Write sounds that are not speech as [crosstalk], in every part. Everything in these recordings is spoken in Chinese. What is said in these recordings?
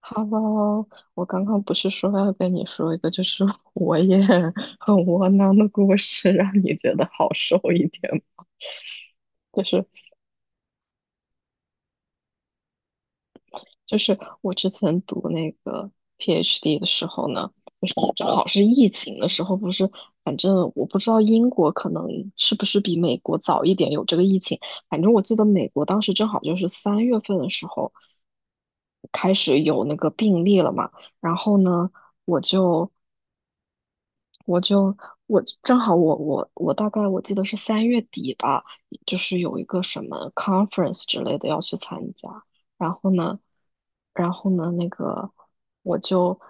Hello，我刚刚不是说要跟你说一个，就是 [laughs] 我也很窝囊的故事，让你觉得好受一点吗？就是就是我之前读那个 PhD 的时候呢，正好是疫情的时候，不是，反正我不知道英国可能是不是比美国早一点有这个疫情，反正我记得美国当时正好就是三月份的时候。开始有那个病例了嘛，然后呢，我就我就我正好我我我大概我记得是三月底吧，就是有一个什么 conference 之类的要去参加，然后呢，然后呢那个我就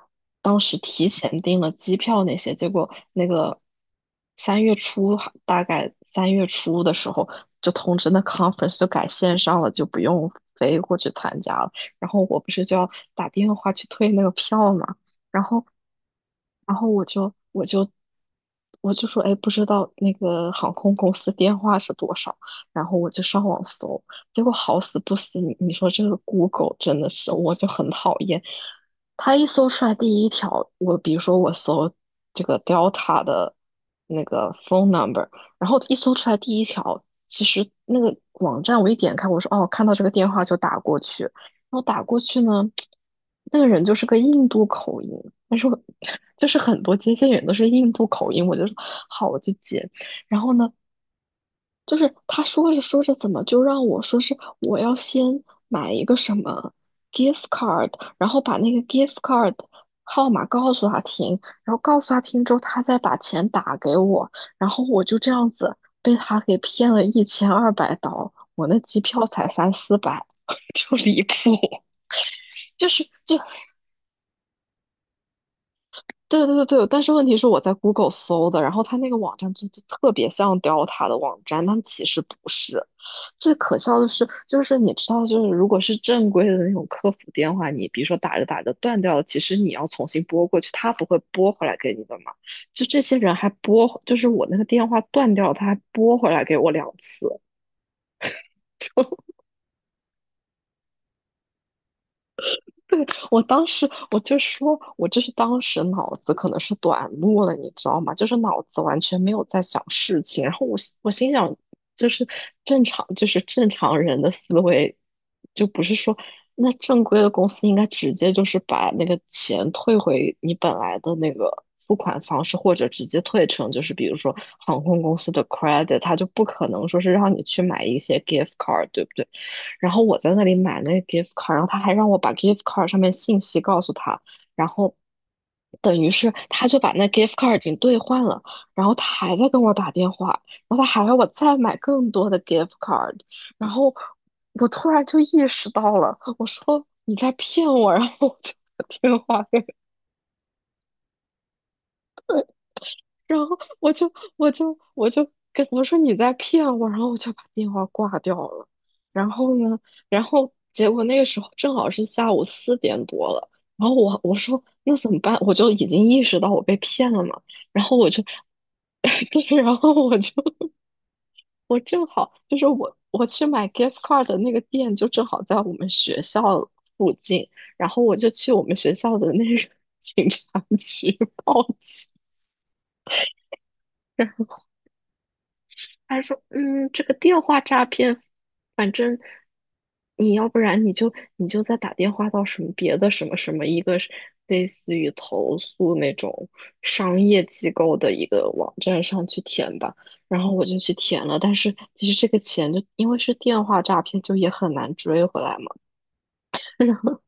当时提前订了机票那些，结果那个三月初还大概三月初的时候就通知那 conference 就改线上了，就不用飞过去参加了，然后我不是就要打电话去退那个票嘛。然后，然后我说，哎，不知道那个航空公司电话是多少，然后我就上网搜，结果好死不死，你说这个 Google 真的是，我就很讨厌，它一搜出来第一条，我比如说我搜这个 Delta 的那个 phone number，然后一搜出来第一条，其实那个网站我一点开，我说哦，看到这个电话就打过去。然后打过去呢，那个人就是个印度口音，但是我 [laughs] 就是很多接线员都是印度口音，我就说好，我就接。然后呢，就是他说着说着，怎么就让我说是我要先买一个什么 gift card，然后把那个 gift card 号码告诉他听，然后告诉他听之后，他再把钱打给我，然后我就这样子被他给骗了一千二百刀，我那机票才三四百，[laughs] 就离谱。就是就对对对对，但是问题是我在 Google 搜的，然后他那个网站特别像雕塔的网站，但其实不是。最可笑的是，就是你知道，就是如果是正规的那种客服电话，你比如说打着打着断掉了，其实你要重新拨过去，他不会拨回来给你的嘛。就这些人还拨，就是我那个电话断掉了，他还拨回来给我2次。我当时我就说，我就是当时脑子可能是短路了，你知道吗？就是脑子完全没有在想事情，然后我想，就是正常，就是正常人的思维，就不是说那正规的公司应该直接就是把那个钱退回你本来的那个付款方式，或者直接退成就是比如说航空公司的 credit，它就不可能说是让你去买一些 gift card，对不对？然后我在那里买那个 gift card，然后他还让我把 gift card 上面信息告诉他，然后等于是他就把那 gift card 已经兑换了，然后他还在跟我打电话，然后他还要我再买更多的 gift card，然后我突然就意识到了，我说你在骗我，然后我就把电话然后我就我就我就跟我说你在骗我，然后我就把电话挂掉了。然后呢，然后结果那个时候正好是下午4点多了，然后我说那怎么办？我就已经意识到我被骗了嘛，然后我就，[laughs] 对，然后我就就是我我去买 gift card 的那个店就正好在我们学校附近，然后我就去我们学校的那个 [laughs] 警察局报警。他说：“嗯，这个电话诈骗，反正你要不然你就再打电话到什么别的什么什么一个是类似于投诉那种商业机构的一个网站上去填吧。”然后我就去填了，但是其实这个钱就因为是电话诈骗，就也很难追回来嘛。[laughs]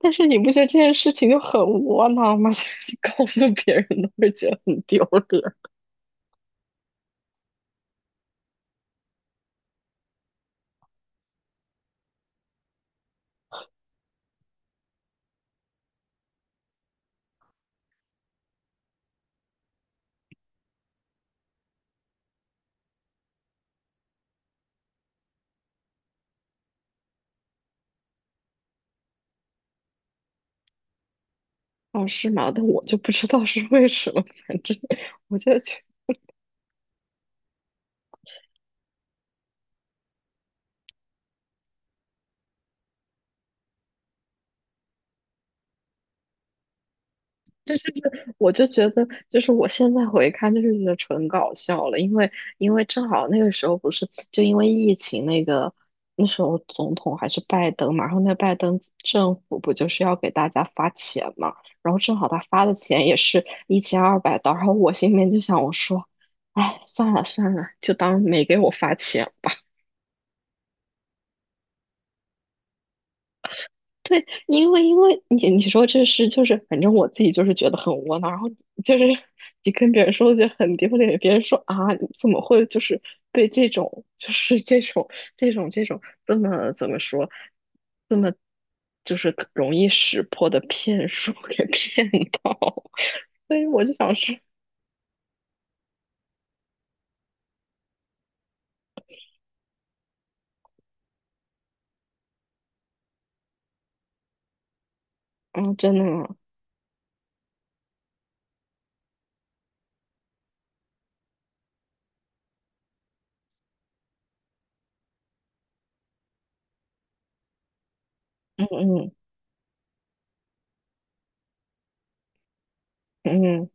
但是你不觉得这件事情就很窝囊吗？[laughs] 就是你告诉别人都会觉得很丢脸。[laughs] 哦，是吗？但我就不知道是为什么，反正我就觉我就觉得，就是我现在回看，就是觉得纯搞笑了，因为因为正好那个时候不是就因为疫情那个那时候总统还是拜登嘛，然后那拜登政府不就是要给大家发钱嘛，然后正好他发的钱也是一千二百刀，然后我心里面就想，我说，哎，算了算了，就当没给我发钱吧。对，因为你说这是就是，反正我自己就是觉得很窝囊，然后就是你跟别人说就很丢脸，别人说啊，你怎么会就是被这种这种这么怎么说，这么就是容易识破的骗术给骗到，[laughs] 所以我就想说，嗯，真的吗？嗯嗯，嗯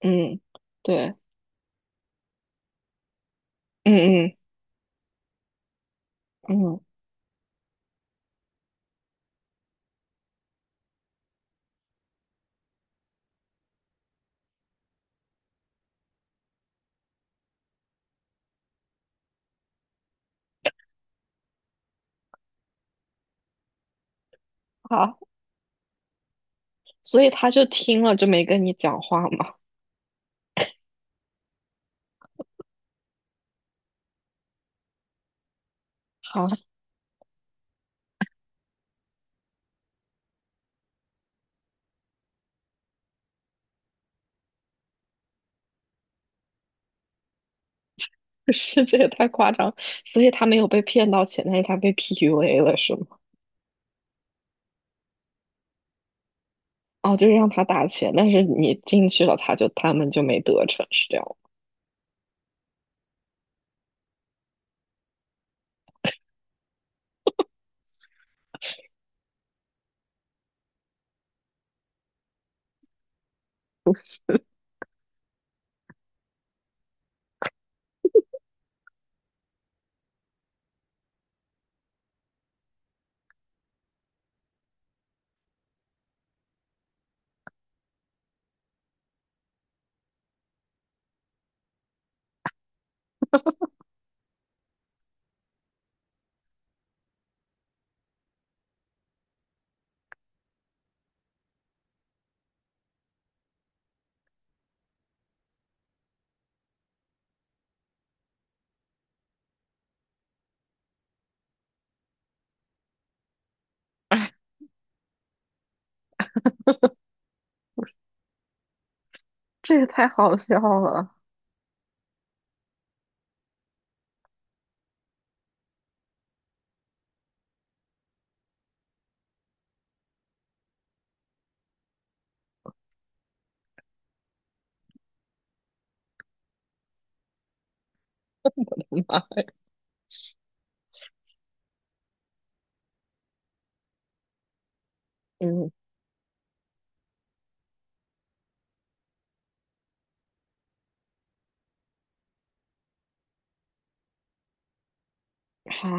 嗯，对，嗯嗯嗯，好，所以他就听了就没跟你讲话嘛。好。[laughs] 是，这也太夸张，所以他没有被骗到钱，但是他被 PUA 了，是吗？哦，就是让他打钱，但是你进去了，他们就没得逞，是这样吗。[laughs] 这也太好笑了，[laughs] 嗯，好，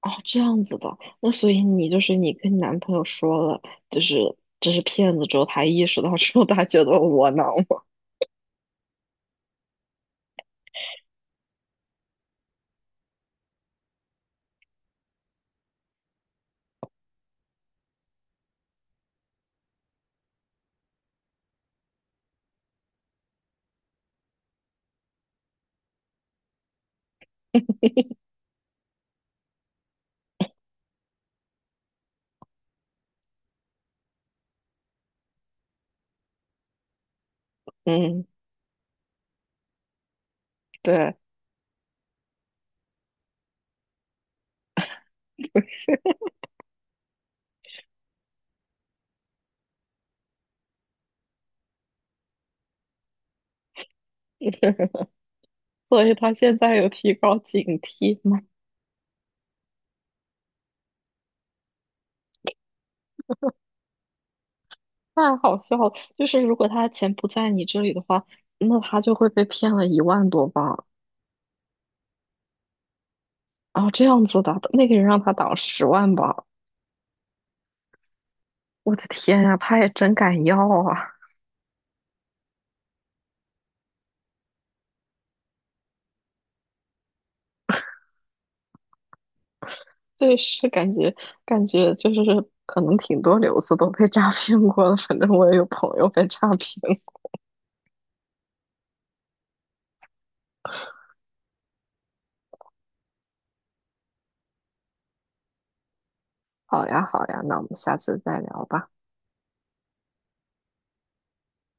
哦，这样子的，那所以你就是你跟你男朋友说了，就是这是骗子之后，他意识到之后，他觉得窝囊吗？嗯，对，[laughs] 所以他现在有提高警惕吗？太好笑了！就是如果他的钱不在你这里的话，那他就会被骗了1万多镑。啊，这样子的，那个人让他挡10万吧！我的天呀，他也真敢要啊！对，是感觉就是可能挺多留子都被诈骗过了，反正我也有朋友被诈骗过。好呀，好呀，那我们下次再聊吧。